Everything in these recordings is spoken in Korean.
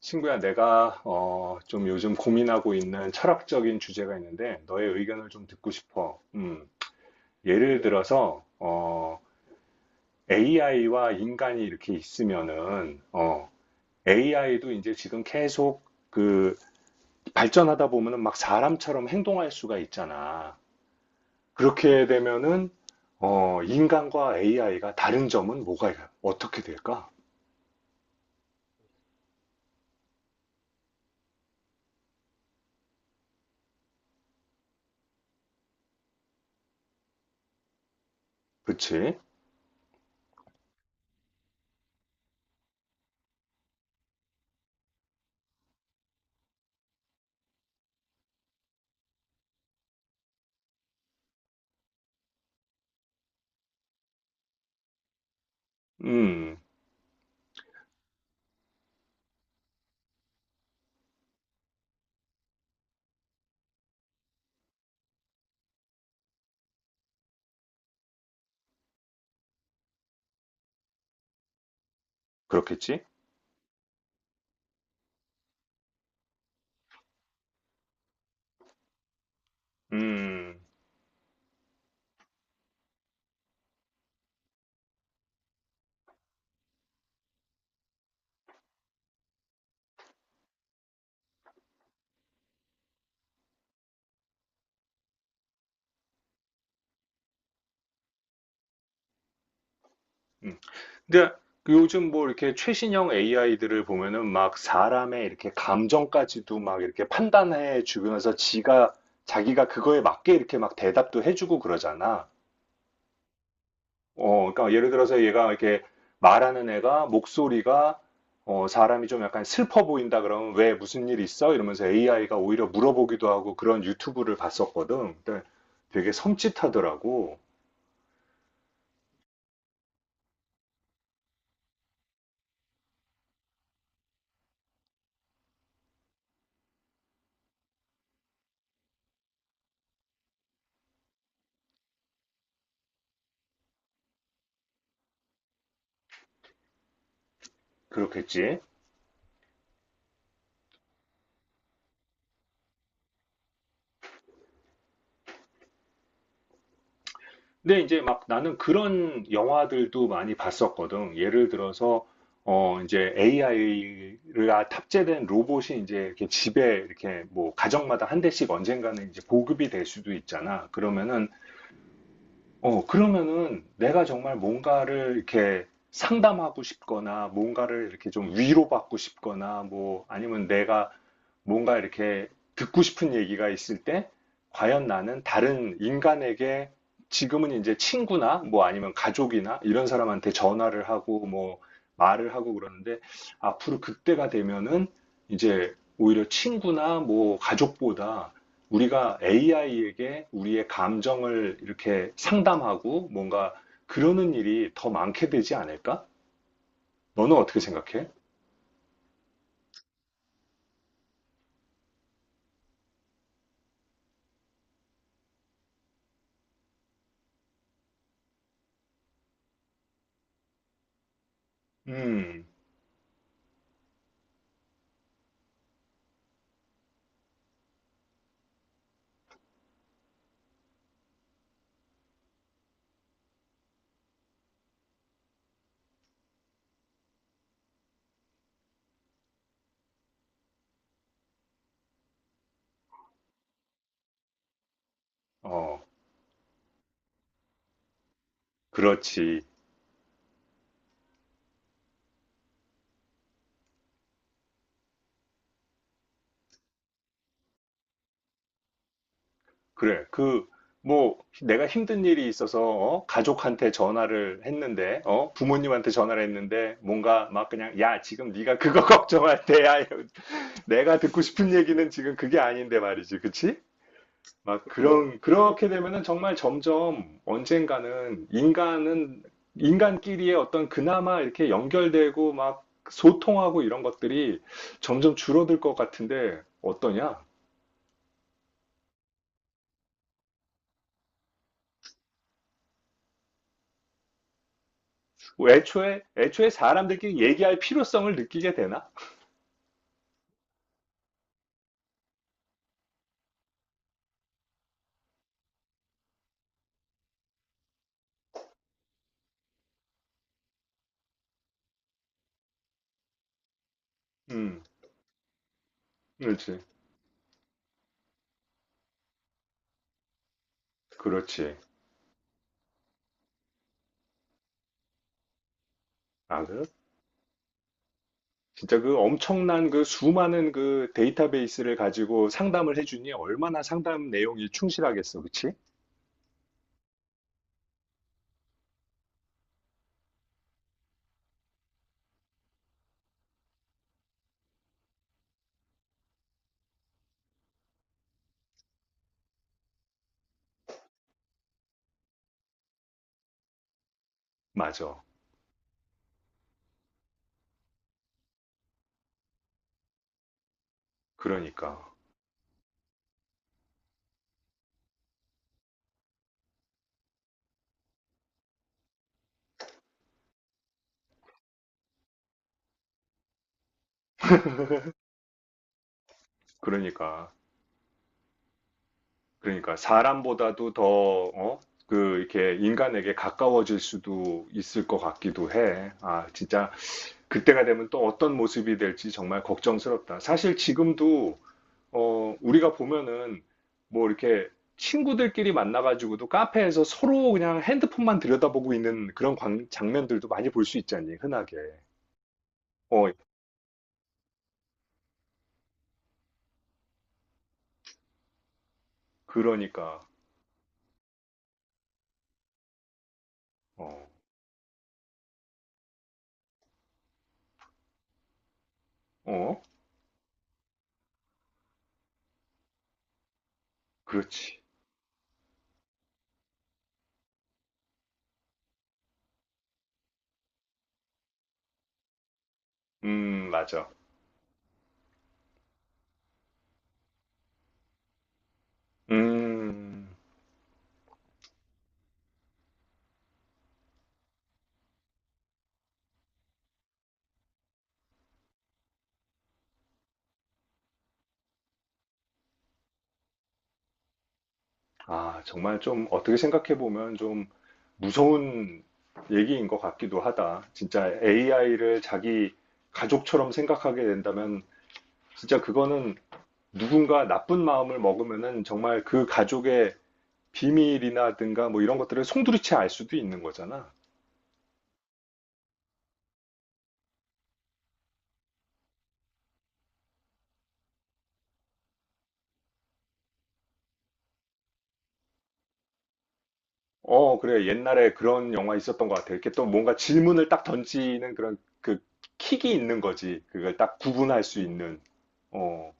친구야, 내가 좀 요즘 고민하고 있는 철학적인 주제가 있는데 너의 의견을 좀 듣고 싶어. 예를 들어서 AI와 인간이 이렇게 있으면은 AI도 이제 지금 계속 그 발전하다 보면은 막 사람처럼 행동할 수가 있잖아. 그렇게 되면은 인간과 AI가 다른 점은 뭐가 어떻게 될까? 그치? 음, 그렇겠지? 음. 음. 근데 요즘 뭐 이렇게 최신형 AI들을 보면은 막 사람의 이렇게 감정까지도 막 이렇게 판단해 주면서 지가 자기가 그거에 맞게 이렇게 막 대답도 해주고 그러잖아. 그러니까 예를 들어서 얘가 이렇게 말하는 애가 목소리가 사람이 좀 약간 슬퍼 보인다 그러면 왜 무슨 일 있어? 이러면서 AI가 오히려 물어보기도 하고 그런 유튜브를 봤었거든. 근데 되게 섬찟하더라고. 그렇겠지? 근데 이제 막 나는 그런 영화들도 많이 봤었거든. 예를 들어서 이제 AI가 탑재된 로봇이 이제 이렇게 집에 이렇게 뭐 가정마다 한 대씩 언젠가는 이제 보급이 될 수도 있잖아. 그러면은 그러면은 내가 정말 뭔가를 이렇게 상담하고 싶거나 뭔가를 이렇게 좀 위로받고 싶거나 뭐 아니면 내가 뭔가 이렇게 듣고 싶은 얘기가 있을 때 과연 나는 다른 인간에게 지금은 이제 친구나 뭐 아니면 가족이나 이런 사람한테 전화를 하고 뭐 말을 하고 그러는데 앞으로 그때가 되면은 이제 오히려 친구나 뭐 가족보다 우리가 AI에게 우리의 감정을 이렇게 상담하고 뭔가 그러는 일이 더 많게 되지 않을까? 너는 어떻게 생각해? 음, 어, 그렇지. 그래. 뭐, 내가 힘든 일이 있어서, 가족한테 전화를 했는데, 부모님한테 전화를 했는데, 뭔가 막 그냥, 야, 지금 네가 그거 걱정할 때야. 내가 듣고 싶은 얘기는 지금 그게 아닌데 말이지. 그치? 막 그런 그렇게 되면은 정말 점점 언젠가는 인간은 인간끼리의 어떤 그나마 이렇게 연결되고 막 소통하고 이런 것들이 점점 줄어들 것 같은데 어떠냐? 애초에 애초에 사람들끼리 얘기할 필요성을 느끼게 되나? 음, 그렇지, 그렇지. 아, 그 진짜 그 엄청난 그 수많은 그 데이터베이스를 가지고 상담을 해주니 얼마나 상담 내용이 충실하겠어, 그치? 맞아. 그러니까, 그러니까. 그러니까 사람보다도 더, 어? 그, 이렇게 인간에게 가까워질 수도 있을 것 같기도 해. 아, 진짜 그때가 되면 또 어떤 모습이 될지 정말 걱정스럽다. 사실 지금도, 우리가 보면은 뭐 이렇게 친구들끼리 만나가지고도 카페에서 서로 그냥 핸드폰만 들여다보고 있는 그런 장면들도 많이 볼 수 있잖니, 흔하게. 어, 그러니까. 어, 어, 그렇지. 맞아. 음. 아, 정말 좀 어떻게 생각해 보면 좀 무서운 얘기인 것 같기도 하다. 진짜 AI를 자기 가족처럼 생각하게 된다면 진짜 그거는 누군가 나쁜 마음을 먹으면은 정말 그 가족의 비밀이라든가 뭐 이런 것들을 송두리째 알 수도 있는 거잖아. 어, 그래. 옛날에 그런 영화 있었던 것 같아. 이렇게 또 뭔가 질문을 딱 던지는 그런 그 킥이 있는 거지. 그걸 딱 구분할 수 있는. 어.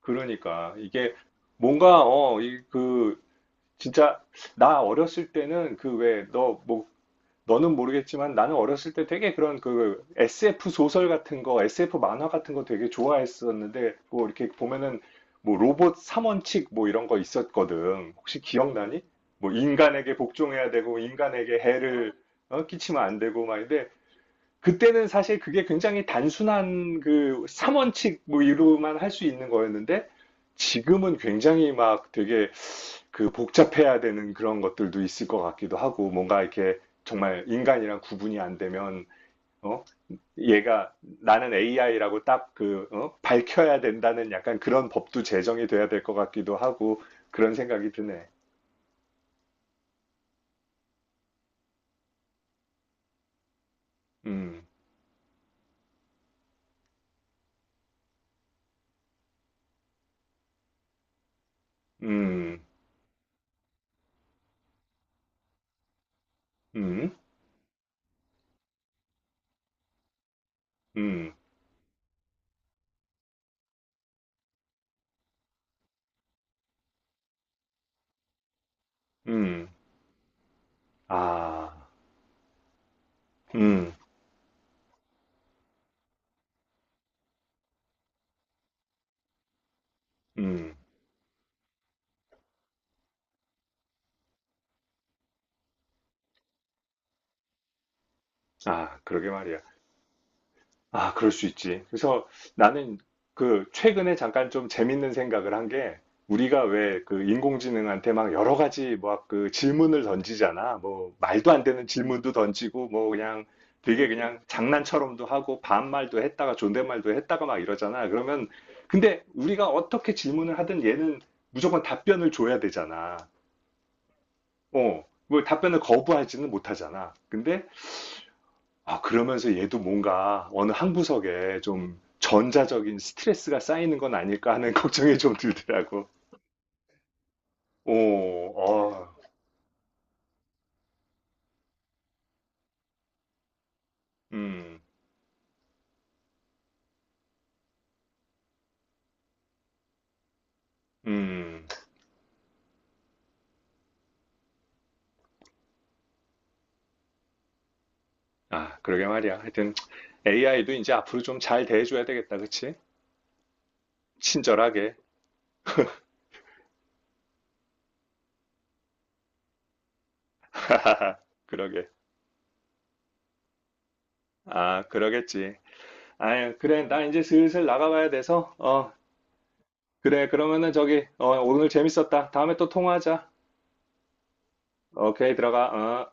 그러니까 이게 뭔가 이 그 진짜 나 어렸을 때는 그 왜 너 뭐 너는 모르겠지만 나는 어렸을 때 되게 그런 그 SF 소설 같은 거 SF 만화 같은 거 되게 좋아했었는데 뭐 이렇게 보면은 뭐 로봇 3원칙 뭐 이런 거 있었거든 혹시 기억나니? 뭐 인간에게 복종해야 되고 인간에게 해를 끼치면 안 되고 막 그때는 사실 그게 굉장히 단순한 그 3원칙 뭐 이로만 할 수 있는 거였는데 지금은 굉장히 막 되게 그 복잡해야 되는 그런 것들도 있을 것 같기도 하고 뭔가 이렇게 정말 인간이랑 구분이 안 되면 어? 얘가 나는 AI라고 딱 어? 밝혀야 된다는 약간 그런 법도 제정이 돼야 될 것 같기도 하고 그런 생각이 드네. 음, 음, 음, 음, 음, 아, 음, 음. 아, 그러게 말이야. 아, 그럴 수 있지. 그래서 나는 그 최근에 잠깐 좀 재밌는 생각을 한 게 우리가 왜 그 인공지능한테 막 여러 가지 뭐 그 질문을 던지잖아. 뭐 말도 안 되는 질문도 던지고 뭐 그냥 되게 그냥 장난처럼도 하고 반말도 했다가 존댓말도 했다가 막 이러잖아. 그러면 근데 우리가 어떻게 질문을 하든 얘는 무조건 답변을 줘야 되잖아. 어, 뭐 답변을 거부하지는 못하잖아. 근데 아, 그러면서 얘도 뭔가 어느 한 구석에 좀 전자적인 스트레스가 쌓이는 건 아닐까 하는 걱정이 좀 들더라고. 오, 어, 음, 음. 아, 그러게 말이야. 하여튼 AI도 이제 앞으로 좀 잘 대해줘야 되겠다, 그치? 친절하게. 그러게. 아, 그러겠지. 아유, 그래. 나 이제 슬슬 나가봐야 돼서. 그래. 그러면은 저기, 오늘 재밌었다. 다음에 또 통화하자. 오케이, 들어가. 어.